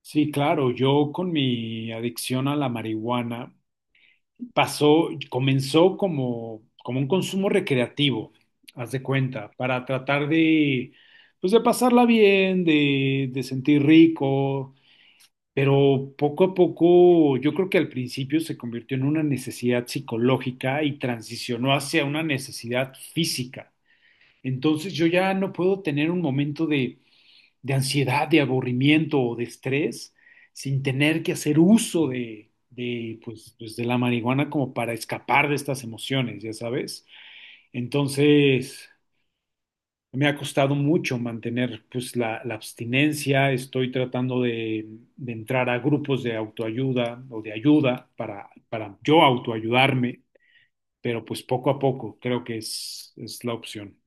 Sí, claro, yo con mi adicción a la marihuana pasó, comenzó como un consumo recreativo, haz de cuenta, para tratar de, pues de pasarla bien, de sentir rico, pero poco a poco yo creo que al principio se convirtió en una necesidad psicológica y transicionó hacia una necesidad física. Entonces yo ya no puedo tener un momento de ansiedad, de aburrimiento o de estrés, sin tener que hacer uso de la marihuana como para escapar de estas emociones, ya sabes. Entonces, me ha costado mucho mantener pues, la abstinencia, estoy tratando de entrar a grupos de autoayuda o de ayuda para yo autoayudarme, pero pues poco a poco creo que es la opción.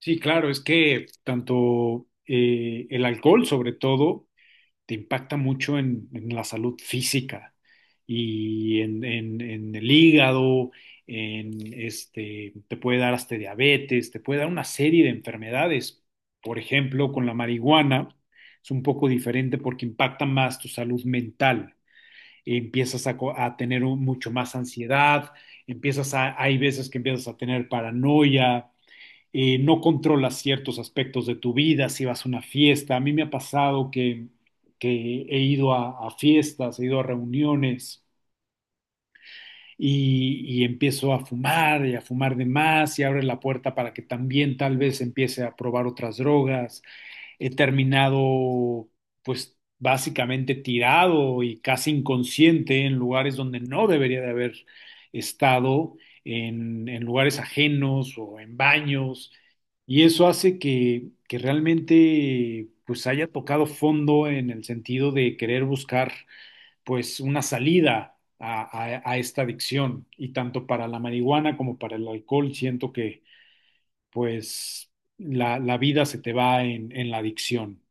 Sí, claro, es que tanto el alcohol sobre todo te impacta mucho en la salud física y en el hígado, en este, te puede dar hasta diabetes, te puede dar una serie de enfermedades. Por ejemplo, con la marihuana es un poco diferente porque impacta más tu salud mental. A tener mucho más ansiedad, empiezas a, hay veces que empiezas a tener paranoia, no controlas ciertos aspectos de tu vida, si vas a una fiesta. A mí me ha pasado que he ido a fiestas, he ido a reuniones y empiezo a fumar y a fumar de más y abre la puerta para que también tal vez empiece a probar otras drogas. He terminado pues básicamente tirado y casi inconsciente en lugares donde no debería de haber estado, en lugares ajenos o en baños, y eso hace que realmente pues haya tocado fondo en el sentido de querer buscar pues una salida a esta adicción, y tanto para la marihuana como para el alcohol siento que pues la vida se te va en la adicción.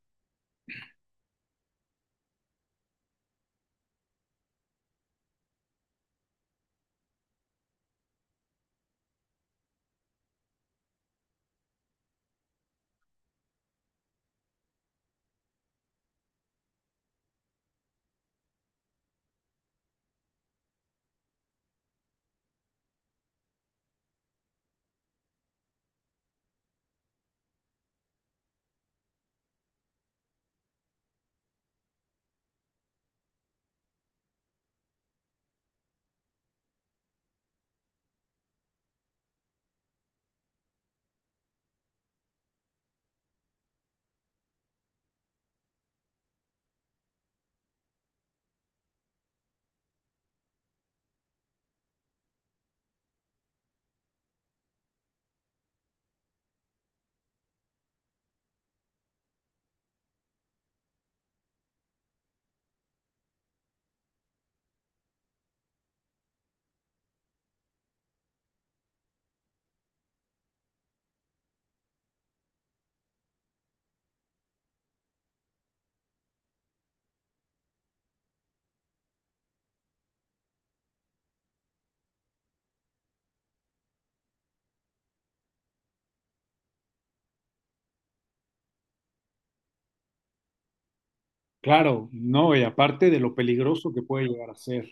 Claro, no, y aparte de lo peligroso que puede llegar a ser,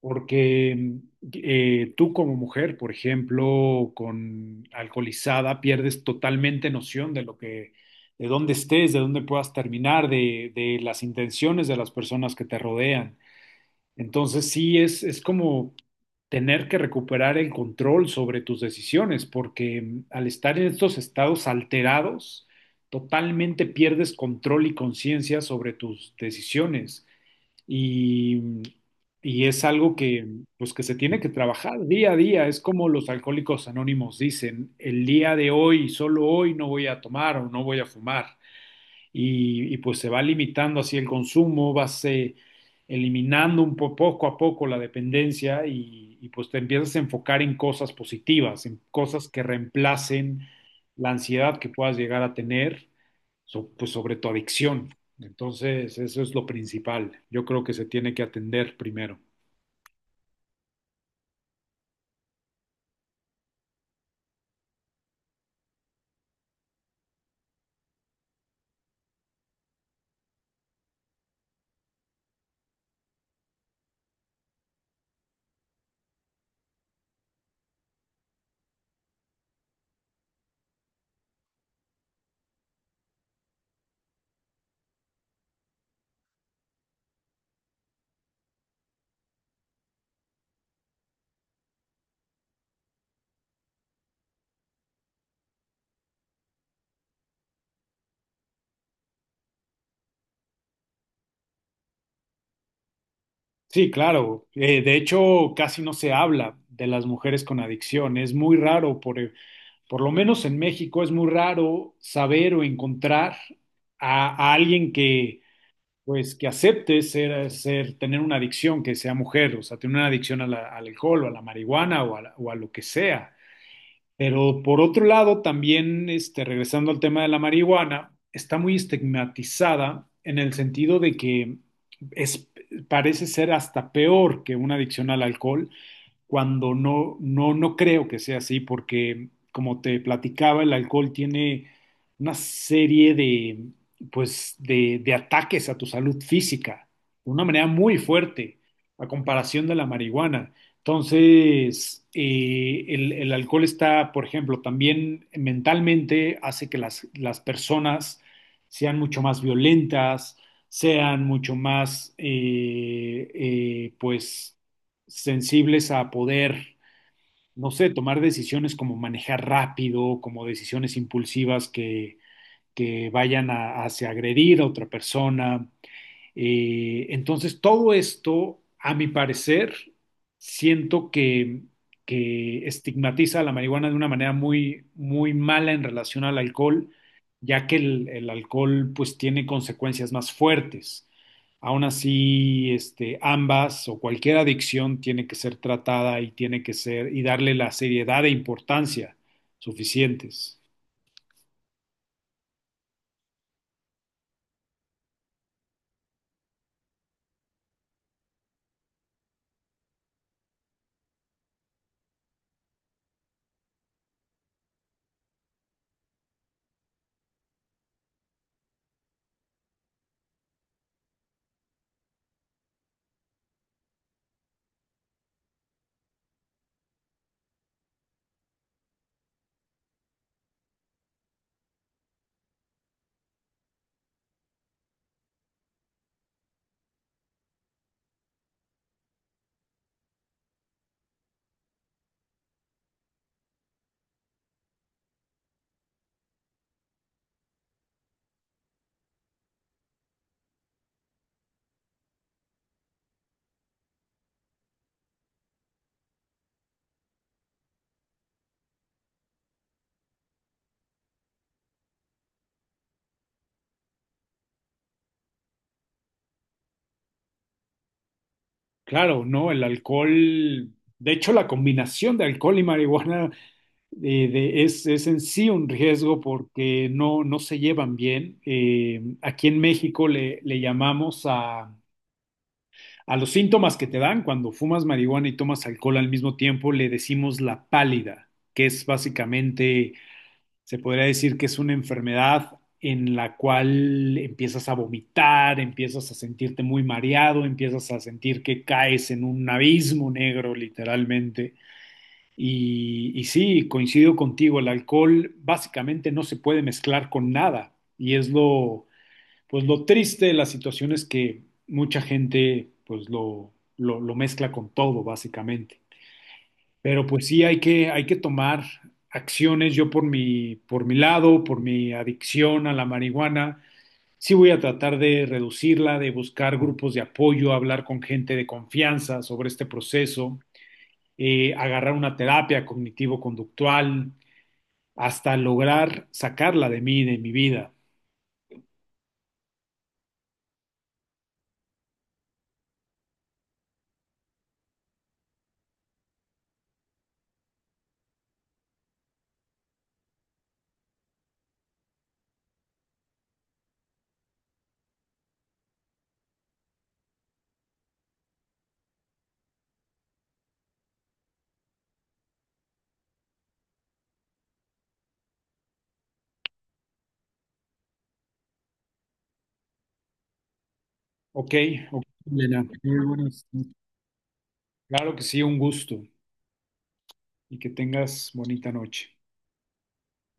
porque tú como mujer, por ejemplo, con alcoholizada, pierdes totalmente noción de lo que, de dónde estés, de dónde puedas terminar, de las intenciones de las personas que te rodean. Entonces sí, es como tener que recuperar el control sobre tus decisiones, porque al estar en estos estados alterados, totalmente pierdes control y conciencia sobre tus decisiones. Y, mm, y es algo que, pues, que se tiene que trabajar día a día. Es como los alcohólicos anónimos dicen, el día de hoy, solo hoy no voy a tomar o no voy a fumar y pues se va limitando así el consumo, vas eliminando un poco a poco la dependencia y pues te empiezas a enfocar en cosas positivas, en cosas que reemplacen la ansiedad que puedas llegar a tener, pues sobre tu adicción. Entonces, eso es lo principal. Yo creo que se tiene que atender primero. Sí, claro. De hecho, casi no se habla de las mujeres con adicción. Es muy raro por lo menos en México es muy raro saber o encontrar a alguien que, pues, que acepte tener una adicción, que sea mujer, o sea, tener una adicción a al alcohol o a la marihuana o a, o a lo que sea. Pero por otro lado, también, este, regresando al tema de la marihuana, está muy estigmatizada en el sentido de que es, parece ser hasta peor que una adicción al alcohol cuando no creo que sea así, porque como te platicaba, el alcohol tiene una serie de, pues, de ataques a tu salud física, de una manera muy fuerte, a comparación de la marihuana. Entonces, el alcohol está, por ejemplo, también mentalmente hace que las personas sean mucho más violentas, sean mucho más, pues, sensibles a poder, no sé, tomar decisiones como manejar rápido, como decisiones impulsivas que vayan a, hacia agredir a otra persona, entonces, todo esto, a mi parecer, siento que estigmatiza a la marihuana de una manera muy, muy mala en relación al alcohol, ya que el alcohol pues tiene consecuencias más fuertes. Aún así, este, ambas o cualquier adicción tiene que ser tratada y tiene que ser y darle la seriedad e importancia suficientes. Claro, no, el alcohol, de hecho la combinación de alcohol y marihuana es en sí un riesgo porque no se llevan bien. Aquí en México le llamamos a los síntomas que te dan cuando fumas marihuana y tomas alcohol al mismo tiempo, le decimos la pálida, que es básicamente se podría decir que es una enfermedad en la cual empiezas a vomitar, empiezas a sentirte muy mareado, empiezas a sentir que caes en un abismo negro, literalmente. Y sí, coincido contigo, el alcohol básicamente no se puede mezclar con nada. Y es lo, pues lo triste de la situación es que mucha gente pues lo mezcla con todo, básicamente. Pero pues sí hay que tomar acciones. Yo por mi lado, por mi adicción a la marihuana, sí voy a tratar de reducirla, de buscar grupos de apoyo, hablar con gente de confianza sobre este proceso, agarrar una terapia cognitivo-conductual, hasta lograr sacarla de mí, de mi vida. Ok, ok, Elena. Muy buenas. Claro que sí, un gusto y que tengas bonita noche.